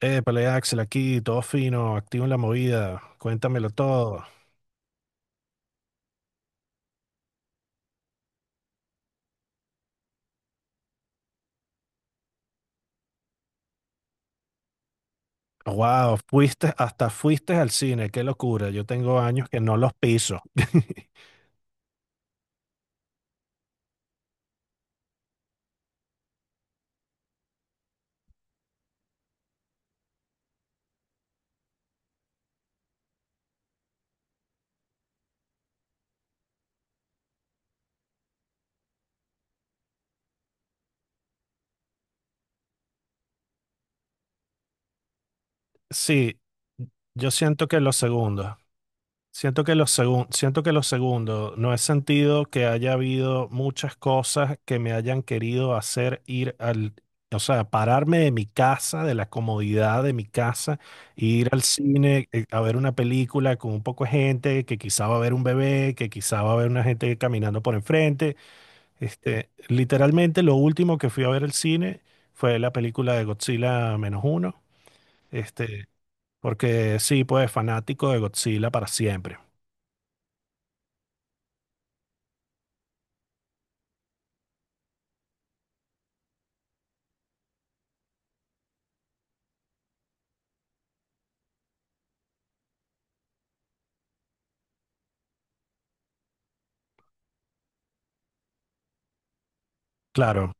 Épale, Axel, aquí, todo fino, activo en la movida, cuéntamelo todo. Wow, fuiste, hasta fuiste al cine, qué locura, yo tengo años que no los piso. Sí, yo siento que los segundos. Siento que lo segundo, no he sentido que haya habido muchas cosas que me hayan querido hacer ir al, o sea, pararme de mi casa, de la comodidad de mi casa, e ir al cine a ver una película con un poco de gente, que quizá va a haber un bebé, que quizá va a haber una gente caminando por enfrente. Literalmente lo último que fui a ver al cine fue la película de Godzilla menos uno, este, porque sí, pues fanático de Godzilla para siempre. Claro.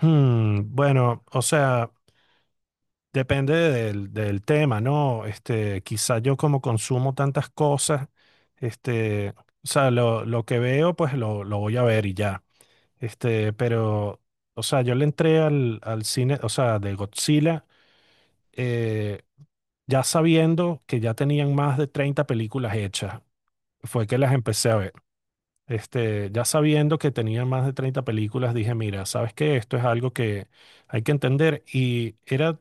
Bueno, o sea, depende del tema, ¿no? Quizá yo como consumo tantas cosas, este, o sea, lo que veo, pues lo voy a ver y ya. Este, pero, o sea, yo le entré al cine, o sea, de Godzilla, eh, ya sabiendo que ya tenían más de 30 películas hechas. Fue que las empecé a ver. Ya sabiendo que tenía más de 30 películas, dije, mira, sabes que esto es algo que hay que entender. Y era,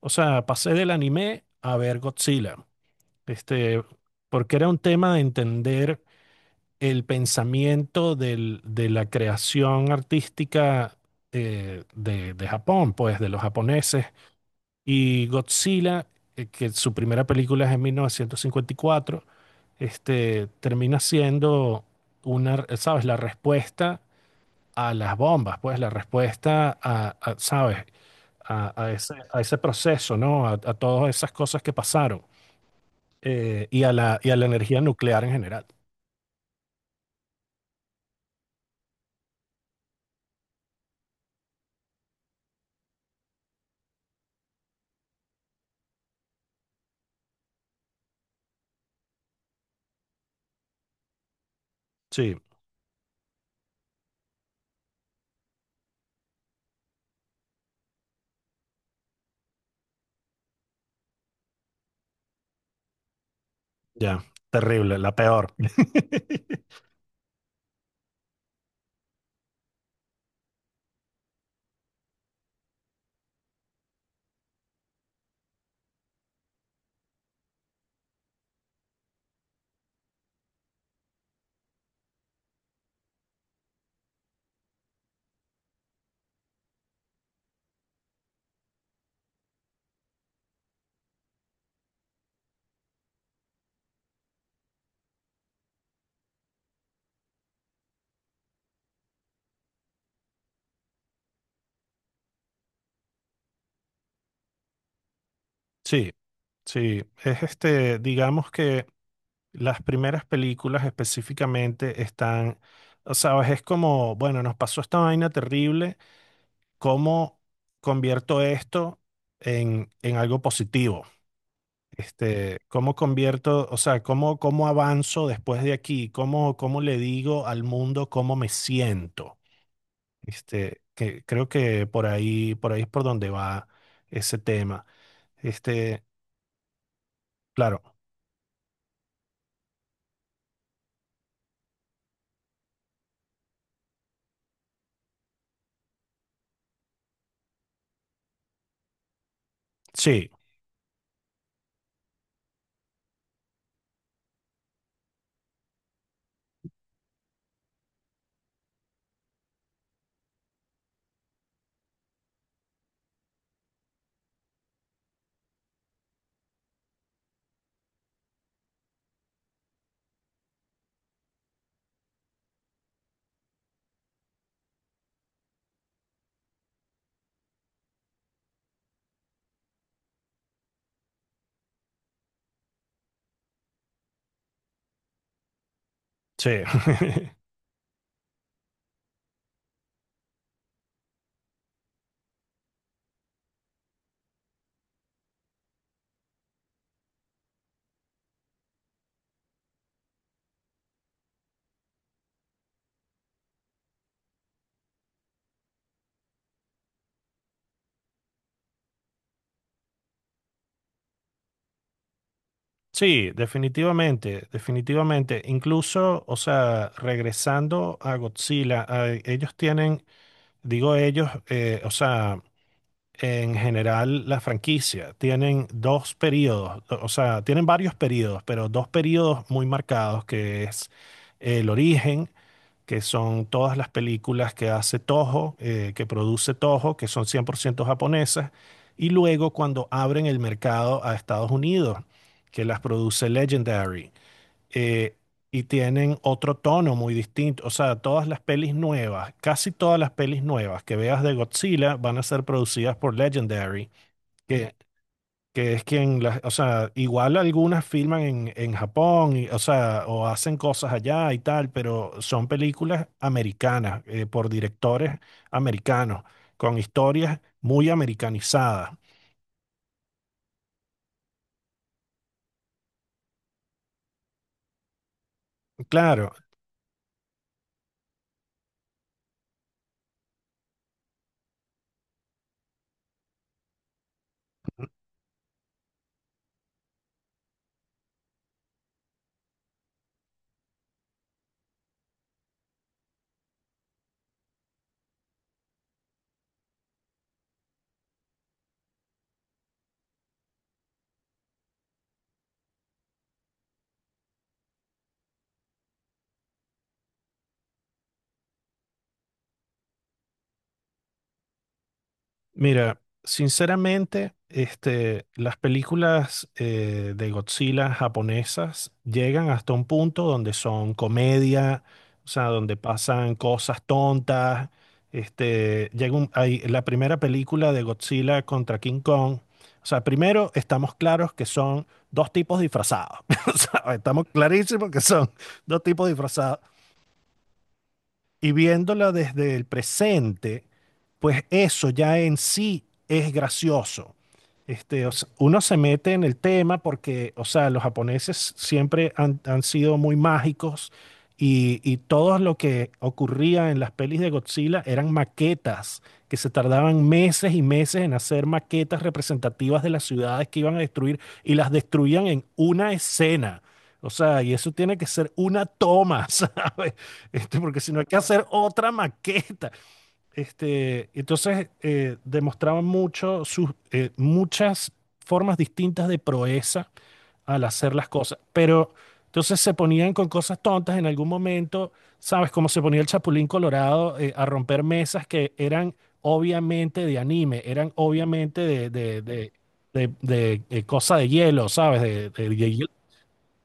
o sea, pasé del anime a ver Godzilla. Este, Porque era un tema de entender de la creación artística de Japón, pues, de los japoneses. Y Godzilla, que su primera película es en 1954, termina siendo una, ¿sabes? La respuesta a las bombas, pues la respuesta ¿sabes? A ese, a ese proceso, ¿no? A todas esas cosas que pasaron y a la energía nuclear en general. Sí, ya, terrible, la peor. Sí, sí, es digamos que las primeras películas específicamente están, o sabes, es como, bueno, nos pasó esta vaina terrible, ¿cómo convierto esto en algo positivo? ¿Cómo convierto, o sea, cómo avanzo después de aquí? Cómo le digo al mundo cómo me siento? Que creo que por ahí es por donde va ese tema. Este, claro, sí, sí. Sí, definitivamente, definitivamente. Incluso, o sea, regresando a Godzilla, ellos tienen, digo ellos, o sea, en general las franquicias tienen dos periodos, o sea, tienen varios periodos, pero dos periodos muy marcados, que es el origen, que son todas las películas que hace Toho, que produce Toho, que son 100% japonesas, y luego cuando abren el mercado a Estados Unidos, que las produce Legendary. eh, y tienen otro tono muy distinto. O sea, todas las pelis nuevas, casi todas las pelis nuevas que veas de Godzilla van a ser producidas por Legendary que, que es quien las, o sea, igual algunas filman en Japón, o sea, o hacen cosas allá y tal, pero son películas americanas, por directores americanos, con historias muy americanizadas. Claro. Mira, sinceramente, las películas de Godzilla japonesas llegan hasta un punto donde son comedia, o sea, donde pasan cosas tontas. Hay, la primera película de Godzilla contra King Kong. O sea, primero estamos claros que son dos tipos disfrazados. O sea, estamos clarísimos que son dos tipos disfrazados. Y viéndola desde el presente pues eso ya en sí es gracioso. O sea, uno se mete en el tema porque, o sea, los japoneses siempre han sido muy mágicos y todo lo que ocurría en las pelis de Godzilla eran maquetas que se tardaban meses y meses en hacer maquetas representativas de las ciudades que iban a destruir y las destruían en una escena. O sea, y eso tiene que ser una toma, ¿sabes? Porque si no hay que hacer otra maqueta. Entonces demostraban mucho sus, muchas formas distintas de proeza al hacer las cosas, pero entonces se ponían con cosas tontas en algún momento, ¿sabes? Como se ponía el Chapulín Colorado a romper mesas que eran obviamente de anime, eran obviamente cosa de hielo, ¿sabes?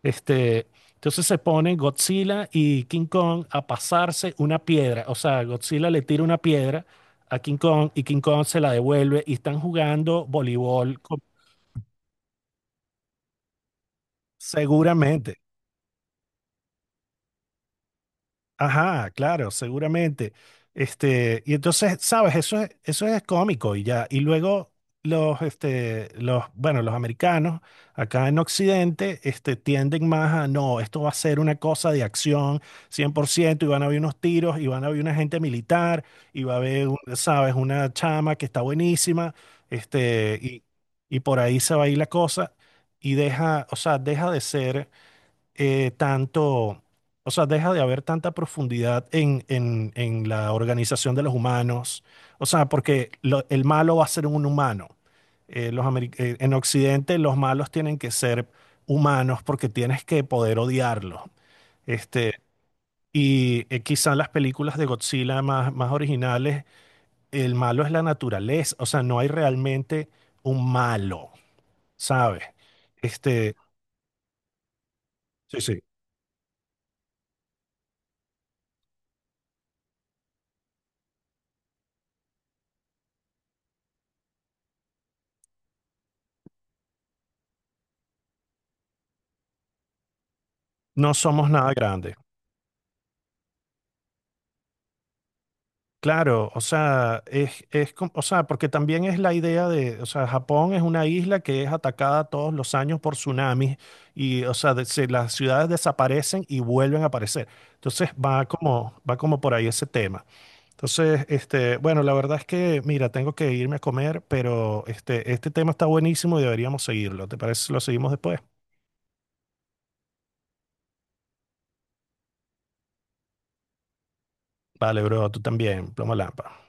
este, entonces se ponen Godzilla y King Kong a pasarse una piedra. O sea, Godzilla le tira una piedra a King Kong y King Kong se la devuelve y están jugando voleibol con- seguramente. Ajá, claro, seguramente. Y entonces, sabes, eso es cómico y ya. Y luego bueno, los americanos acá en Occidente, tienden más a, no, esto va a ser una cosa de acción 100% y van a haber unos tiros y van a haber una gente militar y va a haber, sabes, una chama que está buenísima, este, y, y por ahí se va a ir la cosa y deja, o sea, deja de ser eh, tanto, o sea, deja de haber tanta profundidad en la organización de los humanos, o sea, porque el malo va a ser un humano. En Occidente los malos tienen que ser humanos porque tienes que poder odiarlos. Este, Quizá en las películas de Godzilla más, más originales, el malo es la naturaleza, o sea, no hay realmente un malo, ¿sabes? Este, sí, sí. No somos nada grandes. Claro, o sea, o sea, porque también es la idea de, o sea, Japón es una isla que es atacada todos los años por tsunamis y, o sea, las ciudades desaparecen y vuelven a aparecer. Entonces va como por ahí ese tema. Entonces, bueno, la verdad es que, mira, tengo que irme a comer, pero este tema está buenísimo y deberíamos seguirlo. ¿Te parece si lo seguimos después? Vale, bro, tú también, plomo lámpara.